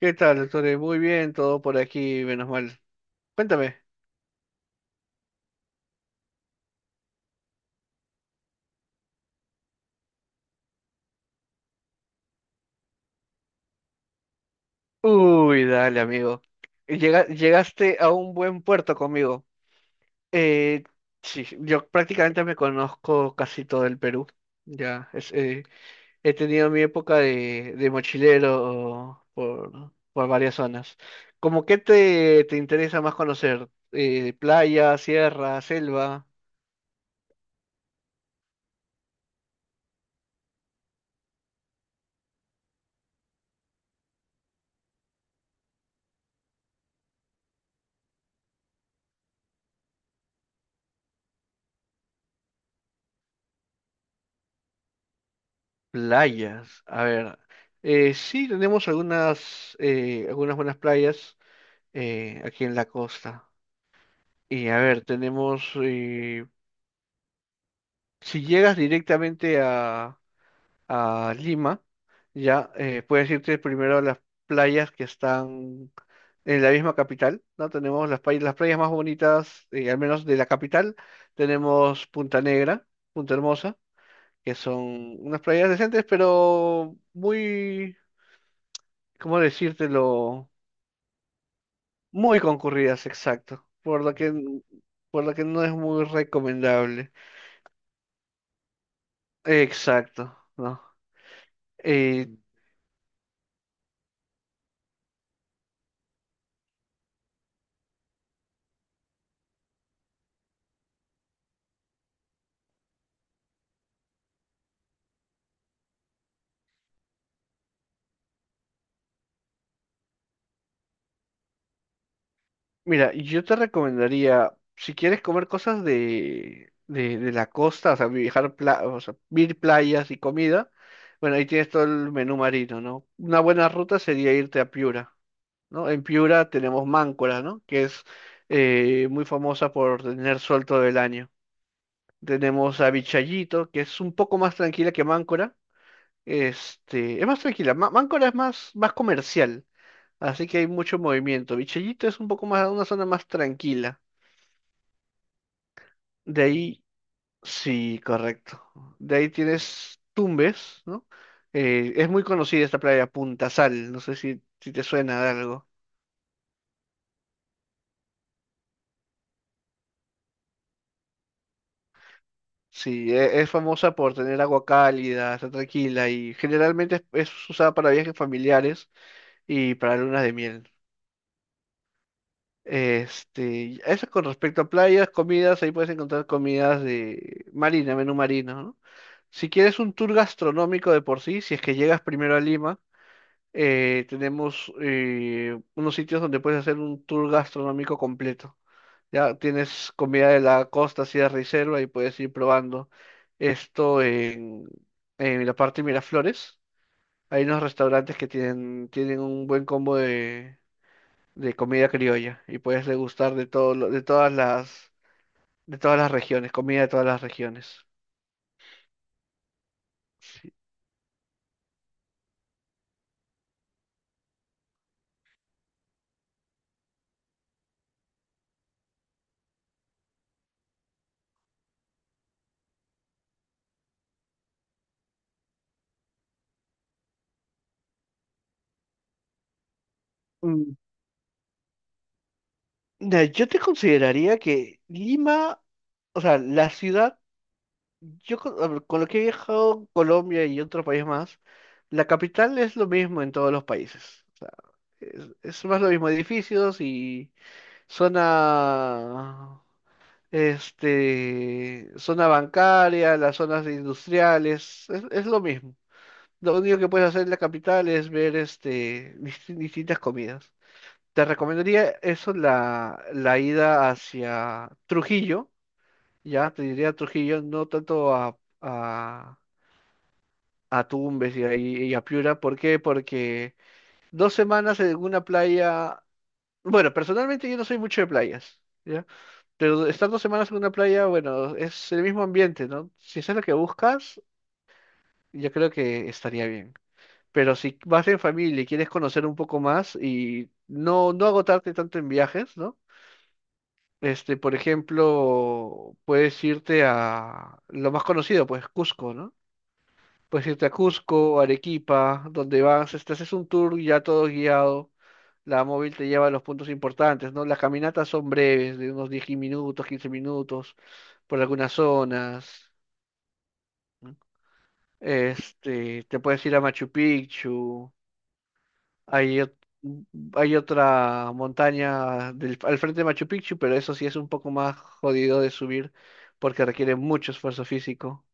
¿Qué tal, doctor? Muy bien, todo por aquí, menos mal. Cuéntame. Uy, dale, amigo. Llegaste a un buen puerto conmigo. Eh, sí, yo prácticamente me conozco casi todo el Perú. Ya, he tenido mi época de mochilero por varias zonas. ¿Cómo qué te interesa más conocer? Playa, sierra, selva, playas. A ver, sí tenemos algunas, algunas buenas playas. Aquí en la costa. Y a ver, tenemos, si llegas directamente a Lima, ya puedes irte primero a las playas que están en la misma capital, ¿no? Tenemos las playas más bonitas, al menos de la capital, tenemos Punta Negra, Punta Hermosa, que son unas playas decentes, pero muy, ¿cómo decírtelo? Muy concurridas, exacto, por lo que no es muy recomendable. Exacto, ¿no? Eh, Mira, yo te recomendaría, si quieres comer cosas de la costa, o sea, viajar, o sea, ir playas y comida, bueno, ahí tienes todo el menú marino, ¿no? Una buena ruta sería irte a Piura, ¿no? En Piura tenemos Máncora, ¿no? Que es muy famosa por tener sol todo el año. Tenemos a Vichayito, que es un poco más tranquila que Máncora. Este, es más tranquila. Máncora es más, más comercial. Así que hay mucho movimiento. Vichellito es un poco más, una zona más tranquila. De ahí, sí, correcto. De ahí tienes Tumbes, ¿no? Es muy conocida esta playa, Punta Sal. No sé si, si te suena de algo. Sí, es famosa por tener agua cálida, está tranquila y generalmente es usada para viajes familiares y para lunas de miel. Eso con respecto a playas. Comidas, ahí puedes encontrar comidas de marina, menú marino, ¿no? Si quieres un tour gastronómico de por sí, si es que llegas primero a Lima, tenemos unos sitios donde puedes hacer un tour gastronómico completo. Ya tienes comida de la costa, sierra y selva y puedes ir probando esto en la parte de Miraflores. Hay unos restaurantes que tienen un buen combo de comida criolla y puedes degustar de de todas las regiones, comida de todas las regiones. Sí. Mm, ya, yo te consideraría que Lima, o sea, la ciudad, a ver, con lo que he viajado a Colombia y otros países más, la capital es lo mismo en todos los países. O sea, es más lo mismo, edificios y zona, zona bancaria, las zonas industriales, es lo mismo. Lo único que puedes hacer en la capital es ver distintas comidas. Te recomendaría eso, la ida hacia Trujillo, ya te diría Trujillo, no tanto a, a Tumbes y a Piura. ¿Por qué? Porque 2 semanas en una playa, bueno, personalmente yo no soy mucho de playas, ¿ya? Pero estar 2 semanas en una playa, bueno, es el mismo ambiente, ¿no? Si eso es lo que buscas, yo creo que estaría bien. Pero si vas en familia y quieres conocer un poco más y no, no agotarte tanto en viajes, ¿no? Por ejemplo, puedes irte a lo más conocido, pues Cusco, ¿no? Puedes irte a Cusco, Arequipa, donde vas, haces un tour ya todo guiado, la móvil te lleva a los puntos importantes, ¿no? Las caminatas son breves, de unos 10 minutos, 15 minutos, por algunas zonas. ¿No? Te puedes ir a Machu Picchu. Hay, ot- hay otra montaña al frente de Machu Picchu, pero eso sí es un poco más jodido de subir porque requiere mucho esfuerzo físico.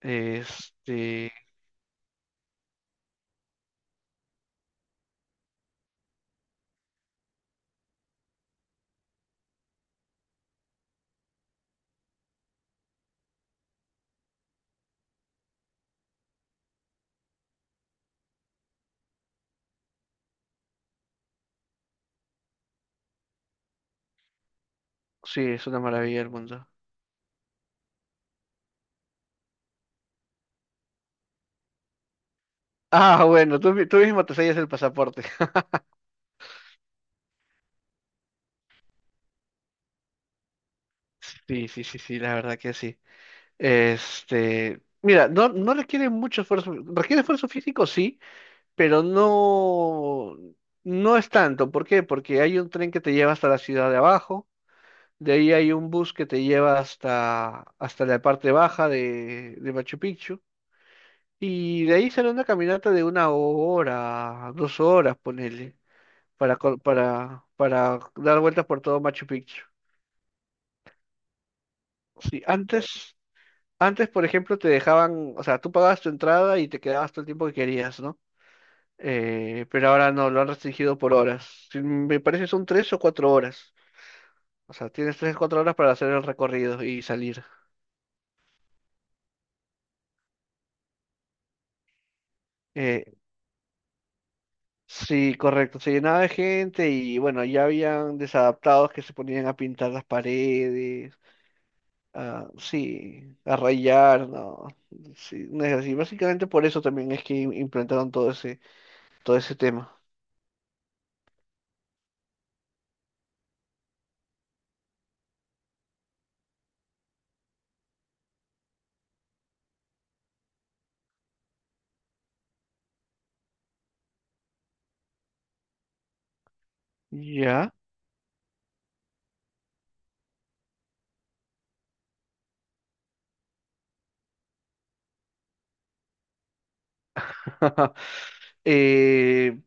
Este, sí, es una maravilla el mundo. Ah, bueno, tú mismo te sellas el pasaporte. Sí, sí, sí, sí, la verdad que sí. Mira, no, no requiere mucho esfuerzo, requiere esfuerzo físico, sí, pero no, no es tanto. ¿Por qué? Porque hay un tren que te lleva hasta la ciudad de abajo. De ahí hay un bus que te lleva hasta la parte baja de Machu Picchu. Y de ahí sale una caminata de 1 hora, 2 horas, ponele, para dar vueltas por todo Machu Picchu. Sí, antes, por ejemplo, te dejaban, o sea, tú pagabas tu entrada y te quedabas todo el tiempo que querías, ¿no? Pero ahora no, lo han restringido por horas. Sí, me parece son 3 o 4 horas. O sea, tienes 3 o 4 horas para hacer el recorrido y salir. Eh, Sí, correcto, se llenaba de gente y bueno, ya habían desadaptados que se ponían a pintar las paredes, a, sí, a rayar, no, sí, no es así. Básicamente por eso también es que implantaron todo ese tema. Ya. Eh,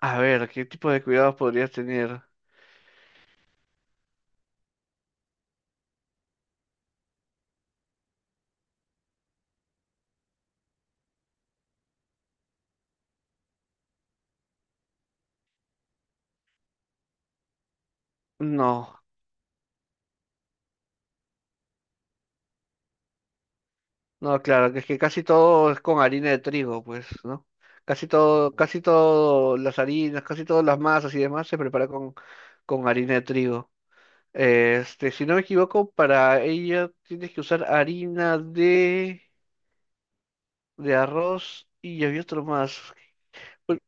a ver, ¿qué tipo de cuidados podrías tener? No, no, claro, que es que casi todo es con harina de trigo, pues, ¿no? Casi todo las harinas, casi todas las masas y demás se prepara con harina de trigo. Si no me equivoco, para ella tienes que usar harina de arroz y había otro más. Uy,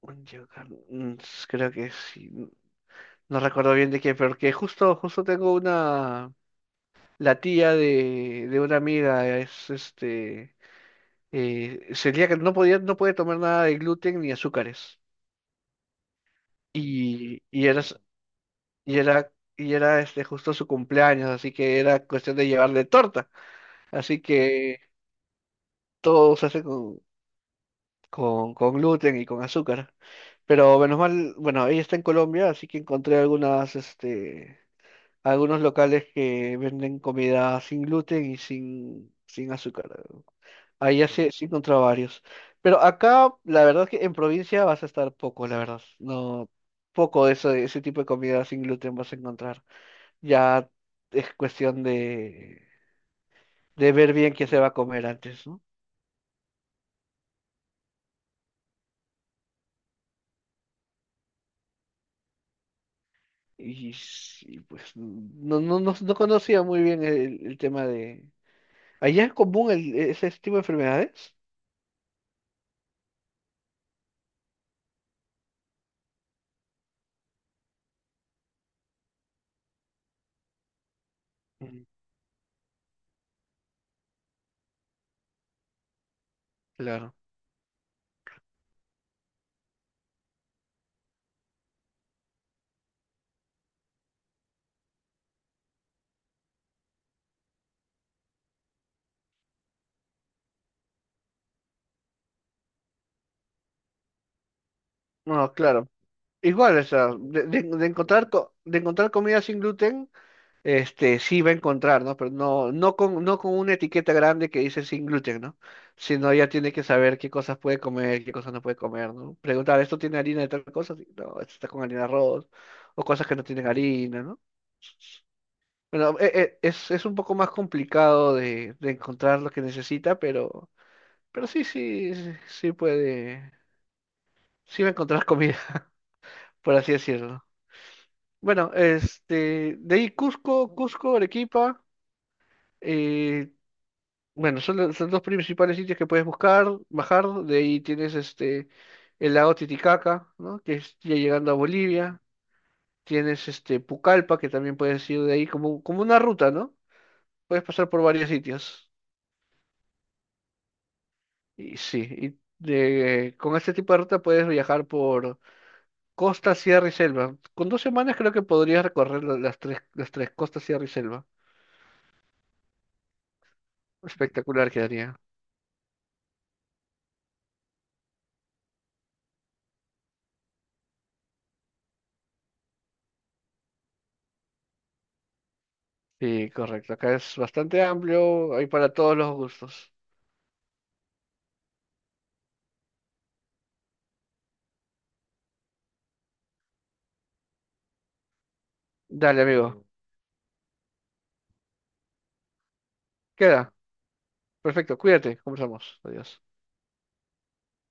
un yogur. Creo que sí. No recuerdo bien de qué, pero que justo tengo la tía de una amiga es celíaca, no podía, no puede tomar nada de gluten ni azúcares. Y era, s- y era, y era este, justo su cumpleaños, así que era cuestión de llevarle torta. Así que todo se hace con gluten y con azúcar. Pero menos mal, bueno, ella está en Colombia, así que encontré algunos locales que venden comida sin gluten y sin azúcar. Ahí ya sí, sí encontré varios. Pero acá, la verdad que en provincia vas a estar poco, la verdad. No, poco de eso, de ese tipo de comida sin gluten vas a encontrar. Ya es cuestión de ver bien qué se va a comer antes, ¿no? Y, sí, pues no, no, no, no conocía muy bien el tema de. ¿Allá es común ese tipo de enfermedades? Mm, claro. No, claro. Igual, o sea, de encontrar comida sin gluten, este sí va a encontrar, ¿no? Pero no, no con, no con una etiqueta grande que dice sin gluten, ¿no? Sino ya tiene que saber qué cosas puede comer, qué cosas no puede comer, ¿no? Preguntar, ¿esto tiene harina de tal cosa? Sí. No, esto está con harina de arroz, o cosas que no tienen harina, ¿no? Bueno, es un poco más complicado de encontrar lo que necesita, pero sí, sí, sí sí puede, sí va a encontrar comida, por así decirlo. Bueno, de ahí Cusco, Cusco, Arequipa, eh, bueno, son los principales sitios que puedes buscar, bajar, de ahí tienes el lago Titicaca, ¿no? Que es ya llegando a Bolivia, tienes Pucallpa, que también puedes ir de ahí como una ruta, ¿no? Puedes pasar por varios sitios. Y sí, con este tipo de ruta puedes viajar por costa, sierra y selva. Con 2 semanas creo que podrías recorrer las tres costas, sierra y selva. Espectacular quedaría. Sí, correcto. Acá es bastante amplio, hay para todos los gustos. Dale, amigo. Queda. Perfecto. Cuídate. Conversamos. Adiós.